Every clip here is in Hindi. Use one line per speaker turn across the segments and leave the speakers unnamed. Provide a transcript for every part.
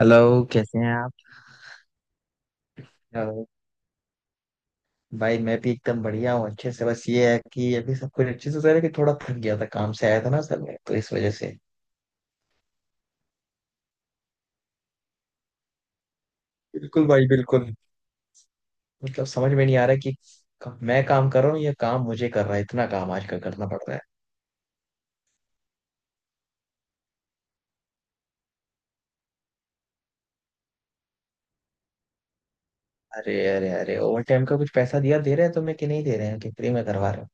हेलो। कैसे हैं आप? हेलो, भाई मैं भी एकदम बढ़िया हूँ, अच्छे से। बस ये है कि अभी सब कुछ अच्छे से चल कि थोड़ा थक गया था, काम से आया था ना सर, मैं तो इस वजह से। बिल्कुल भाई बिल्कुल। मतलब समझ में नहीं आ रहा कि मैं काम कर रहा हूँ या काम मुझे कर रहा है, इतना काम आजकल करना पड़ रहा है। अरे अरे अरे, ओवर टाइम का कुछ पैसा दिया, दे रहे हैं तुम्हें कि नहीं दे रहे हैं, कि फ्री में करवा रहे हो?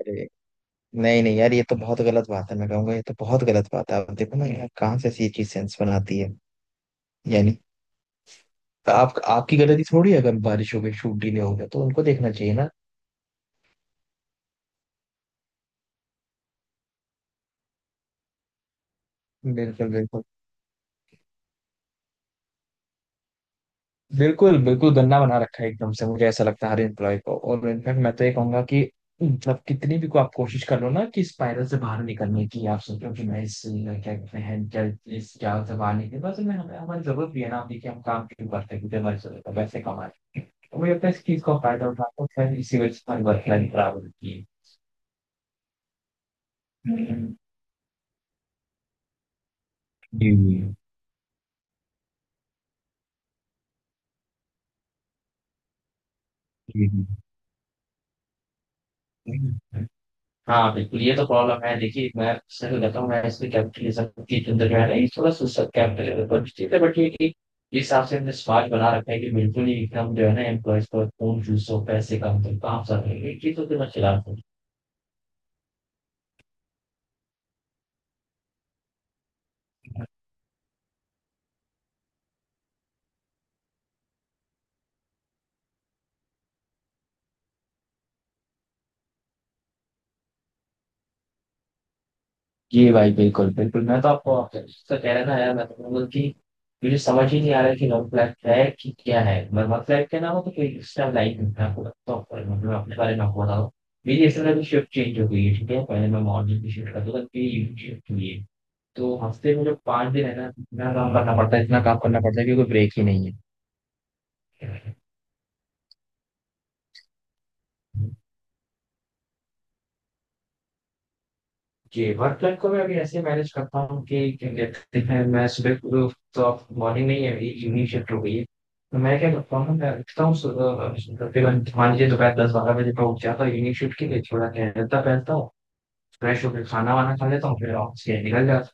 अरे, नहीं नहीं यार, ये तो बहुत गलत बात है, मैं कहूंगा ये तो बहुत गलत बात है। आप देखो ना यार, कहाँ से ऐसी चीज सेंस बनाती है? यानी आप आपकी गलती थोड़ी है, अगर बारिश हो गई, शूट डीले हो गया, तो उनको देखना चाहिए ना। बिल्कुल बिल्कुल। बिल्कुल बिल्कुल, गंदा बना रखा है एकदम से, मुझे ऐसा लगता है हर एम्प्लॉय को, और इनफैक्ट मैं तो ये कहूंगा कि मतलब कितनी भी को आप कोशिश कर लो ना कि स्पाइरल से बाहर निकलने की, आप सोचो कि मैं इस क्या कहते हैं क्या इस जाल से बाहर निकले। बस मैं हमें हमारी जरूरत भी है ना। देखिए हम काम क्यों करते हैं, क्योंकि हमारी जरूरत है तो वैसे कमा रहे हैं। तो मुझे लगता है इस चीज का फायदा उठाता है, इसी वजह से हमारी वर्क लाइफ खराब होती है। हम्म। जी जी। जी, जी। हाँ बिल्कुल, ये तो प्रॉब्लम है। देखिए मैं सही कहता हूँ, मैं इसमें कैपिटलिज्म की चिंता जो है ना, ये थोड़ा सा कैपिटलिज्म पर भी ठीक है, बट ये कि इस हिसाब से हमने समाज बना रखा है कि बिल्कुल ही एकदम जो है ना एम्प्लॉयज पर खून चूसो, पैसे कम करो, काम सब है, ये चीजों के मैं खिलाफ हूँ। जी भाई बिल्कुल बिल्कुल, मैं तो आपको आपका कह रहा था यार, मैं तो बोल कि मुझे समझ ही नहीं आ रहा है कि लॉन्ग फ्लैट है कि क्या है, मरमत फ्लैट के नाम हो तो कोई एक्स्ट्रा लाइन। मैं आपको बताता हूँ, पर मतलब अपने बारे में आपको बताऊँ। मेरी इस तरह की शिफ्ट चेंज हो गई है, ठीक है? पहले मैं मॉर्निंग की शिफ्ट करता था, फिर इवनिंग शिफ्ट हुई है। तो हफ्ते में जो 5 दिन है ना, इतना काम करना पड़ता है, इतना काम करना पड़ता है, क्योंकि ब्रेक ही नहीं है। जी, वर्क लाइफ को मैं अभी ऐसे मैनेज करता हूँ कि क्या कहते हैं, मैं सुबह को तो मॉर्निंग में ही, अभी इवनिंग शिफ्ट हो गई है। तो मैं क्या करता हूँ, मैं उठता हूँ, तकरीबन मान लीजिए दोपहर 10-12 बजे मैं उठ जाता हूँ इवनिंग शिफ्ट के लिए, थोड़ा टहलता पहलता हूँ, फ्रेश होकर खाना वाना खा लेता हूँ, फिर ऑफिस के लिए निकल जाता हूँ।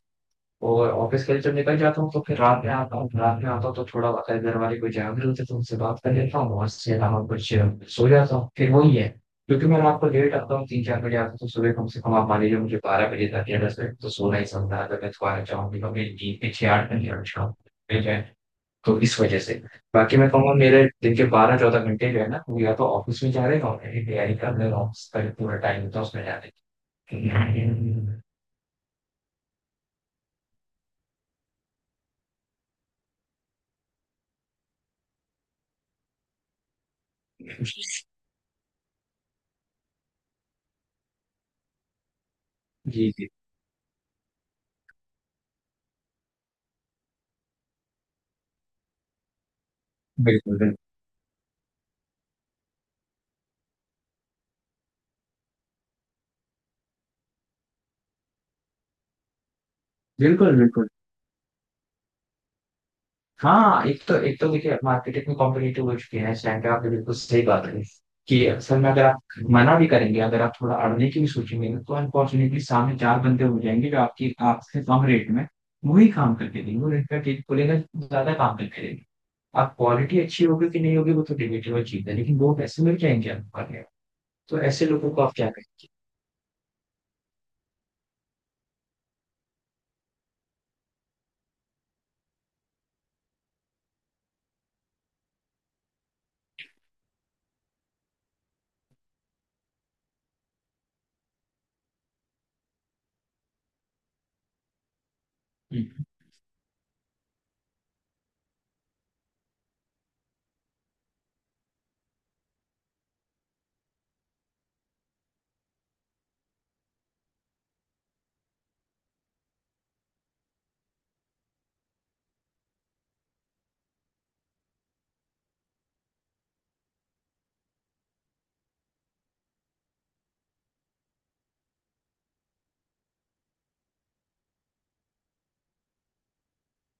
और ऑफिस के लिए जब निकल जाता हूँ तो फिर रात में आता हूँ। रात में आता हूँ तो थोड़ा बहुत अगर घर वाले कोई जागरूक होते तो उनसे बात कर लेता हूँ, और इसके अलावा कुछ सो जाता हूँ, फिर वही है। क्योंकि मैं रात को लेट आता हूँ, 3-4 बजे आता हूँ, तो सुबह कम से कम आप मान लीजिए मुझे 12 बजे तक या 10 बजे तो सोना ही समझा, अगर मैं दोबारा चाहूंगी तो मेरी नींद भी 6-8 घंटे और शाम मिल जाए। तो इस वजह से। बाकी मैं कहूँगा मेरे दिन के 12-14 घंटे जो है ना, वो या तो ऑफिस में जा रहे हैं और मेरी तैयारी कर रहे हैं ऑफिस का, जो पूरा टाइम होता है उसमें जा रहे हैं। जी जी। बिल्कुल बिल्कुल। बिल्कुल बिल्कुल। हाँ, एक तो देखिए मार्केट इतनी कॉम्पिटेटिव हो चुकी है इस टाइम पे, आपने बिल्कुल सही बात है कि असल में अगर आप मना भी करेंगे, अगर आप थोड़ा अड़ने की भी सोचेंगे ना, तो अनफॉर्चुनेटली सामने चार बंदे हो जाएंगे जो आपकी आपसे कम रेट में वही काम करके देंगे, और इनका टेक खुलेगा, ज्यादा काम करके देंगे। आप क्वालिटी अच्छी होगी कि नहीं होगी वो तो डिबेटेबल चीज है, लेकिन वो पैसे मिल जाएंगे आपको करने को। तो ऐसे लोगों को आप क्या कहेंगे? हम्म,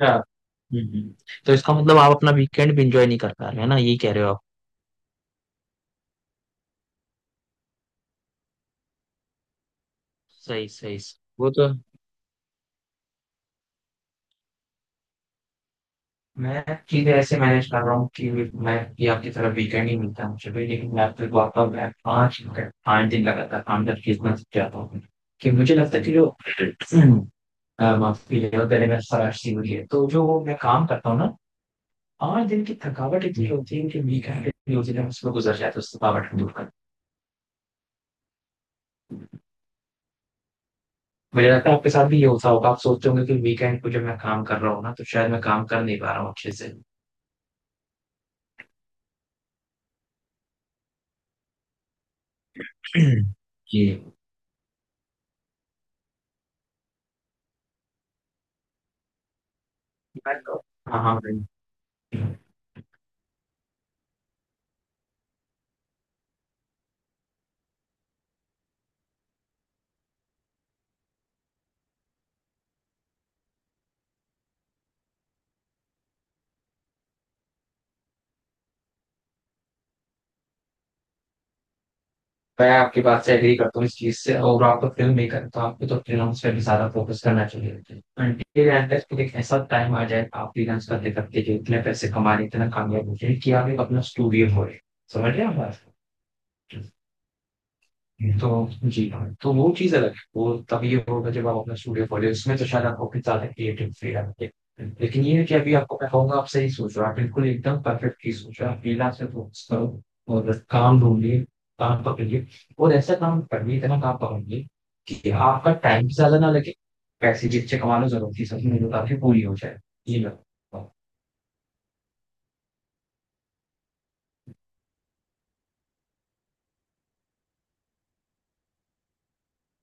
हाँ, हम्म, हम्म। तो इसका मतलब आप अपना वीकेंड भी इंजॉय नहीं कर पा रहे है ना, यही कह रहे हो आप? सही सही सही। वो तो मैं चीजें ऐसे मैनेज कर रहा हूँ कि मैं कि आपकी तरह वीकेंड ही मिलता है मुझे भी, लेकिन मैं फिर आता हूँ, मैं 5 घंटे 5 दिन लगातार काम करके इतना सीख जाता हूँ कि मुझे लगता है कि जो माफ कीजिएगा, गले में खराश सी हुई है, तो जो वो मैं काम करता हूँ ना, 5 दिन की थकावट इतनी होती है कि वीकेंड इतनी होती है उसमें गुजर जाता है, उस थकावट को दूर कर। मुझे लगता है आपके साथ भी ये होता होगा, आप सोचते होंगे कि वीकेंड को जब मैं काम कर रहा हूँ ना तो शायद मैं काम कर नहीं पा रहा हूँ अच्छे से। जी। मैं तो- हाँ हाँ, मैं आपकी बात से एग्री करता हूँ इस चीज़ से, और आप तो फ़िल्म मेकर हैं, तो आपको तो फ्रीलांस पे भी ज़्यादा फ़ोकस करना चाहिए। अंटिल एंड अनलेस कि एक ऐसा टाइम आ जाए आप फ्रीलांस करते-करते जो इतने पैसे कमा रहे हैं, इतना कामयाब हो जाए कि आप एक अपना स्टूडियो खोलें। समझ रहे हैं आप बात? तो जी हाँ, तो वो चीज़ अलग है। वो तभी होगा जब आप अपना स्टूडियो खोले, उसमें तो शायद आपको कितना ज्यादा क्रिएटिव फ्रीडम है, लेकिन ये है कि अभी आपको मैं कहूंगा आप सही सोच रहे हो, आप बिल्कुल एकदम परफेक्ट चीज सोच रहे हो, आप फ्रीलांस पे फोकस करो। और काम ढूंढिए, काम पकड़िए, और ऐसा काम करिए, इतना काम पकड़िए कि आपका टाइम भी ज्यादा ना लगे, पैसे भी अच्छे कमा लो, जरूरत की सब मेरे पूरी हो जाए। ये मैं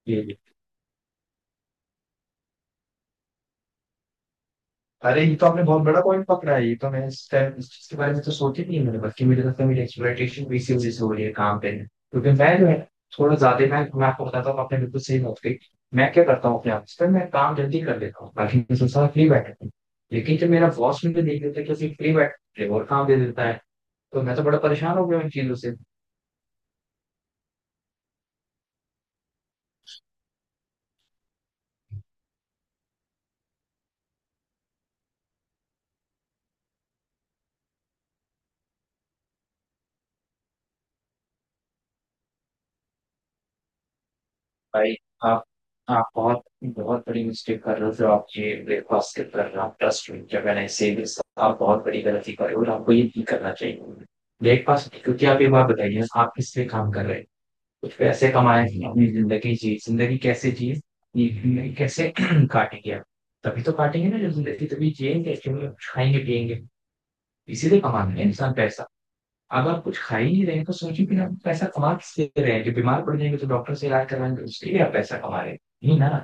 ये अरे, ये तो आपने बहुत बड़ा पॉइंट पकड़ा है, ये तो मैं इस टाइम इस चीज के बारे में तो सोच ही नहीं है मैंने, बल्कि मुझे लगता है मेरी एक्सप्लॉइटेशन भी इसी वजह से हो रही है काम पे, क्योंकि मैं जो है थोड़ा ज्यादा मैं आपको बताता हूँ, आपने बिल्कुल सही बात कही। मैं क्या करता हूँ अपने ऑफिस पे, मैं काम जल्दी कर लेता हूँ, बाकी मैं सोचता हूँ फ्री बैठा हूँ, लेकिन जब मेरा बॉस मुझे देख लेता है कि फ्री बैठ रहे हो और काम दे देता है, तो मैं तो बड़ा परेशान हो गया इन चीजों से। भाई, आप आप बहुत बहुत बड़ी मिस्टेक कर रहे हो जो आप ये ब्रेकफास्ट स्किप कर रहे हो, आप ट्रस्ट में जब मैंने से। आप बहुत बड़ी गलती कर रहे हो और आपको ये नहीं करना चाहिए ब्रेकफास्ट। क्योंकि आप ये बात बताइए आप किस लिए काम कर रहे हो? कुछ पैसे कमाए, अपनी जिंदगी जी, जिंदगी कैसे जिए, ये जिंदगी कैसे काटेंगे आप? तभी तो काटेंगे ना जब जिंदगी तभी जिएंगे क्योंकि कुछ खाएंगे पिएंगे। इसीलिए कमाना है इंसान पैसा। अब आप कुछ खा ही नहीं रहे हैं, तो सोचिए फिर आप पैसा कमा किससे रहे हैं? जो बीमार पड़ जाएंगे तो डॉक्टर से इलाज करवाएंगे, उसके लिए आप पैसा कमा रहे हैं? नहीं ना।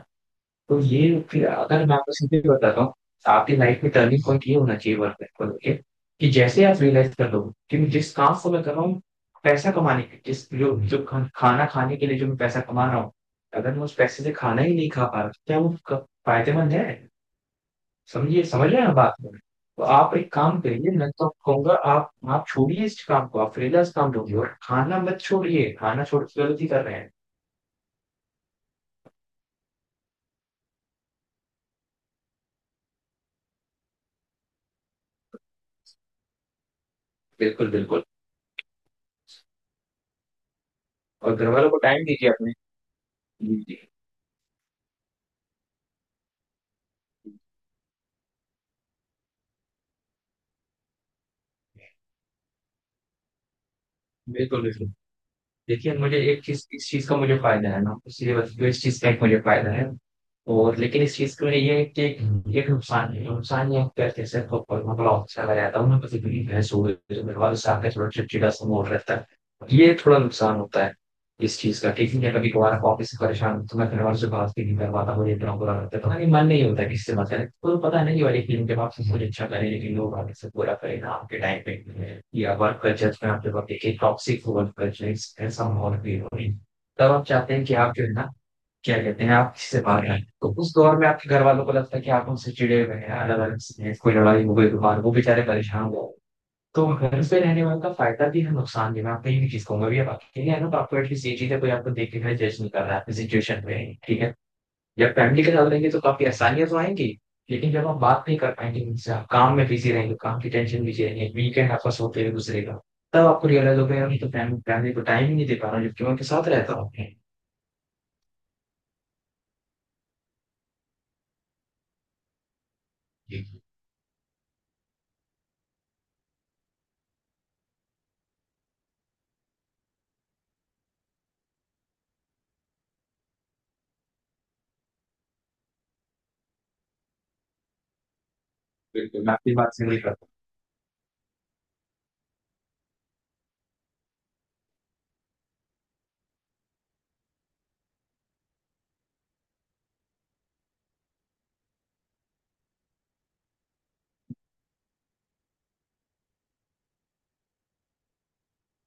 तो ये फिर अगर मैं आपको सीधे बताता हूँ, आपकी लाइफ में टर्निंग पॉइंट ये होना चाहिए वर्क लाइफ को लेके कि जैसे आप रियलाइज कर लो कि मैं जिस काम को मैं कर रहा हूँ, पैसा कमाने के जिस जो जो खाना खाने के लिए जो मैं पैसा कमा रहा हूँ, अगर मैं उस पैसे से खाना ही नहीं खा पा रहा, तो क्या वो फायदेमंद है? समझिए, समझ रहे हैं आप बात को? तो आप एक काम करिए, मैं तो कहूँगा आप छोड़िए इस काम को, आप फ्रीलांस काम ढूँढिए, और खाना मत छोड़िए, खाना छोड़ के गलती कर रहे हैं। बिल्कुल बिल्कुल। और घर वालों को टाइम दीजिए अपने। जी जी। बिल्कुल बिल्कुल। देखिए मुझे एक चीज, इस चीज का मुझे फायदा है ना, इसलिए बस इस चीज का एक मुझे फायदा है और। लेकिन इस चीज के लिए ये है कि एक एक नुकसान है, नुकसान ये है कि कहते हैं सर तो मैं बड़ा अच्छा लग जाता हूँ, मैं पति भी भैंस हो गई तो मेरे वालों से आकर थोड़ा चिड़चिड़ा सा मोड़ रहता है। ये थोड़ा नुकसान होता है इस चीज का, ठीक है? कभी कभार ऑफिस से परेशान तो मैं घर वालों से बात भी नहीं कर पाता, मुझे इतना बुरा लगता है, पता नहीं मन नहीं होता किसी से बात करें, तो पता नहीं ये वाली फिल्म के बाद मुझे अच्छा करे, लेकिन लोग आगे से पूरा करें ना आपके टाइम पे या वर्क कल्चर में आपके वक्त, देखिए टॉक्सिक वर्क कल्चर ऐसा माहौल भी हो रही, तब आप चाहते हैं कि आप जो है ना क्या कहते हैं आप किसी से बाहर आए, तो उस दौर में आपके घर वालों को लगता है कि आप उनसे चिड़े हुए हैं, अलग अलग कोई लड़ाई हो गई बाहर, वो बेचारे परेशान हो। तो घर पे रहने वाले का फायदा भी है नुकसान भी, मैं आपको ये भी चीज कहूंगा भी आप अकेले हैं ना तो आपको एटलीस्ट ये चीज है कोई आपको देख के घर जज नहीं कर रहा है आपकी सिचुएशन में, ठीक है? जब फैमिली के साथ रहेंगे तो काफी आसानियां तो आएंगी, लेकिन जब आप बात नहीं कर पाएंगे उनसे, आप काम में बिजी रहेंगे, काम की टेंशन बिजी रहेंगे, वीकेंड आपका सोते हुए गुजरेगा, तब आपको रियलाइज होगा यार मैं तो फैमिली, फैमिली को टाइम ही नहीं दे पा रहा हूँ जबकि मैं उनके साथ रहता हूँ। जी। बिल्कुल मैं आपकी बात से agree करता हूं।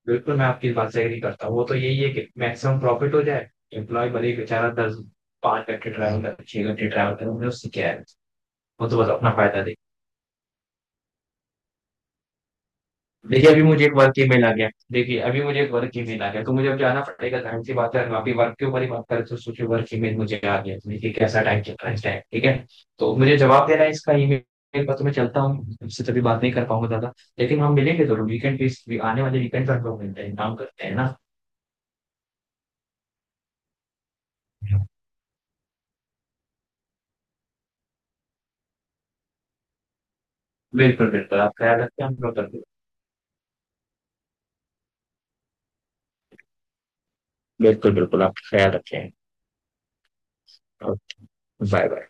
बिल्कुल मैं आपकी इस बात से एग्री करता हूँ, वो तो यही है कि मैक्सिमम प्रॉफिट हो जाए, एम्प्लॉय भले ही बेचारा दस पाँच घंटे ट्रैवल करे, 6 घंटे ट्रैवल करे, उन्हें उससे क्या है, वो तो बस अपना फायदा दे। देखिए अभी मुझे एक वर्क ईमेल आ गया, देखिए अभी मुझे एक वर्क ईमेल आ गया, तो मुझे अब जाना पड़ेगा, जाहिर सी बात है हम अभी वर्क के ऊपर ही बात करें तो सोचिए वर्क ईमेल मुझे आ गया, तो देखिए कैसा टाइम चल रहा है इस टाइम, ठीक है? तो मुझे जवाब देना है इसका ईमेल पर, तो मैं चलता हूँ, उससे तभी बात नहीं कर पाऊंगा दादा। लेकिन हम मिलेंगे जरूर वीकेंड पे, आने वाले वीकेंड पर हम लोग मिलते हैं, काम करते हैं ना। बिल्कुल बिल्कुल, आप ख्याल रखते हैं हम लोग करते हैं। बिल्कुल, बिल्कुल, आप ख्याल रखें। और बाय-बाय।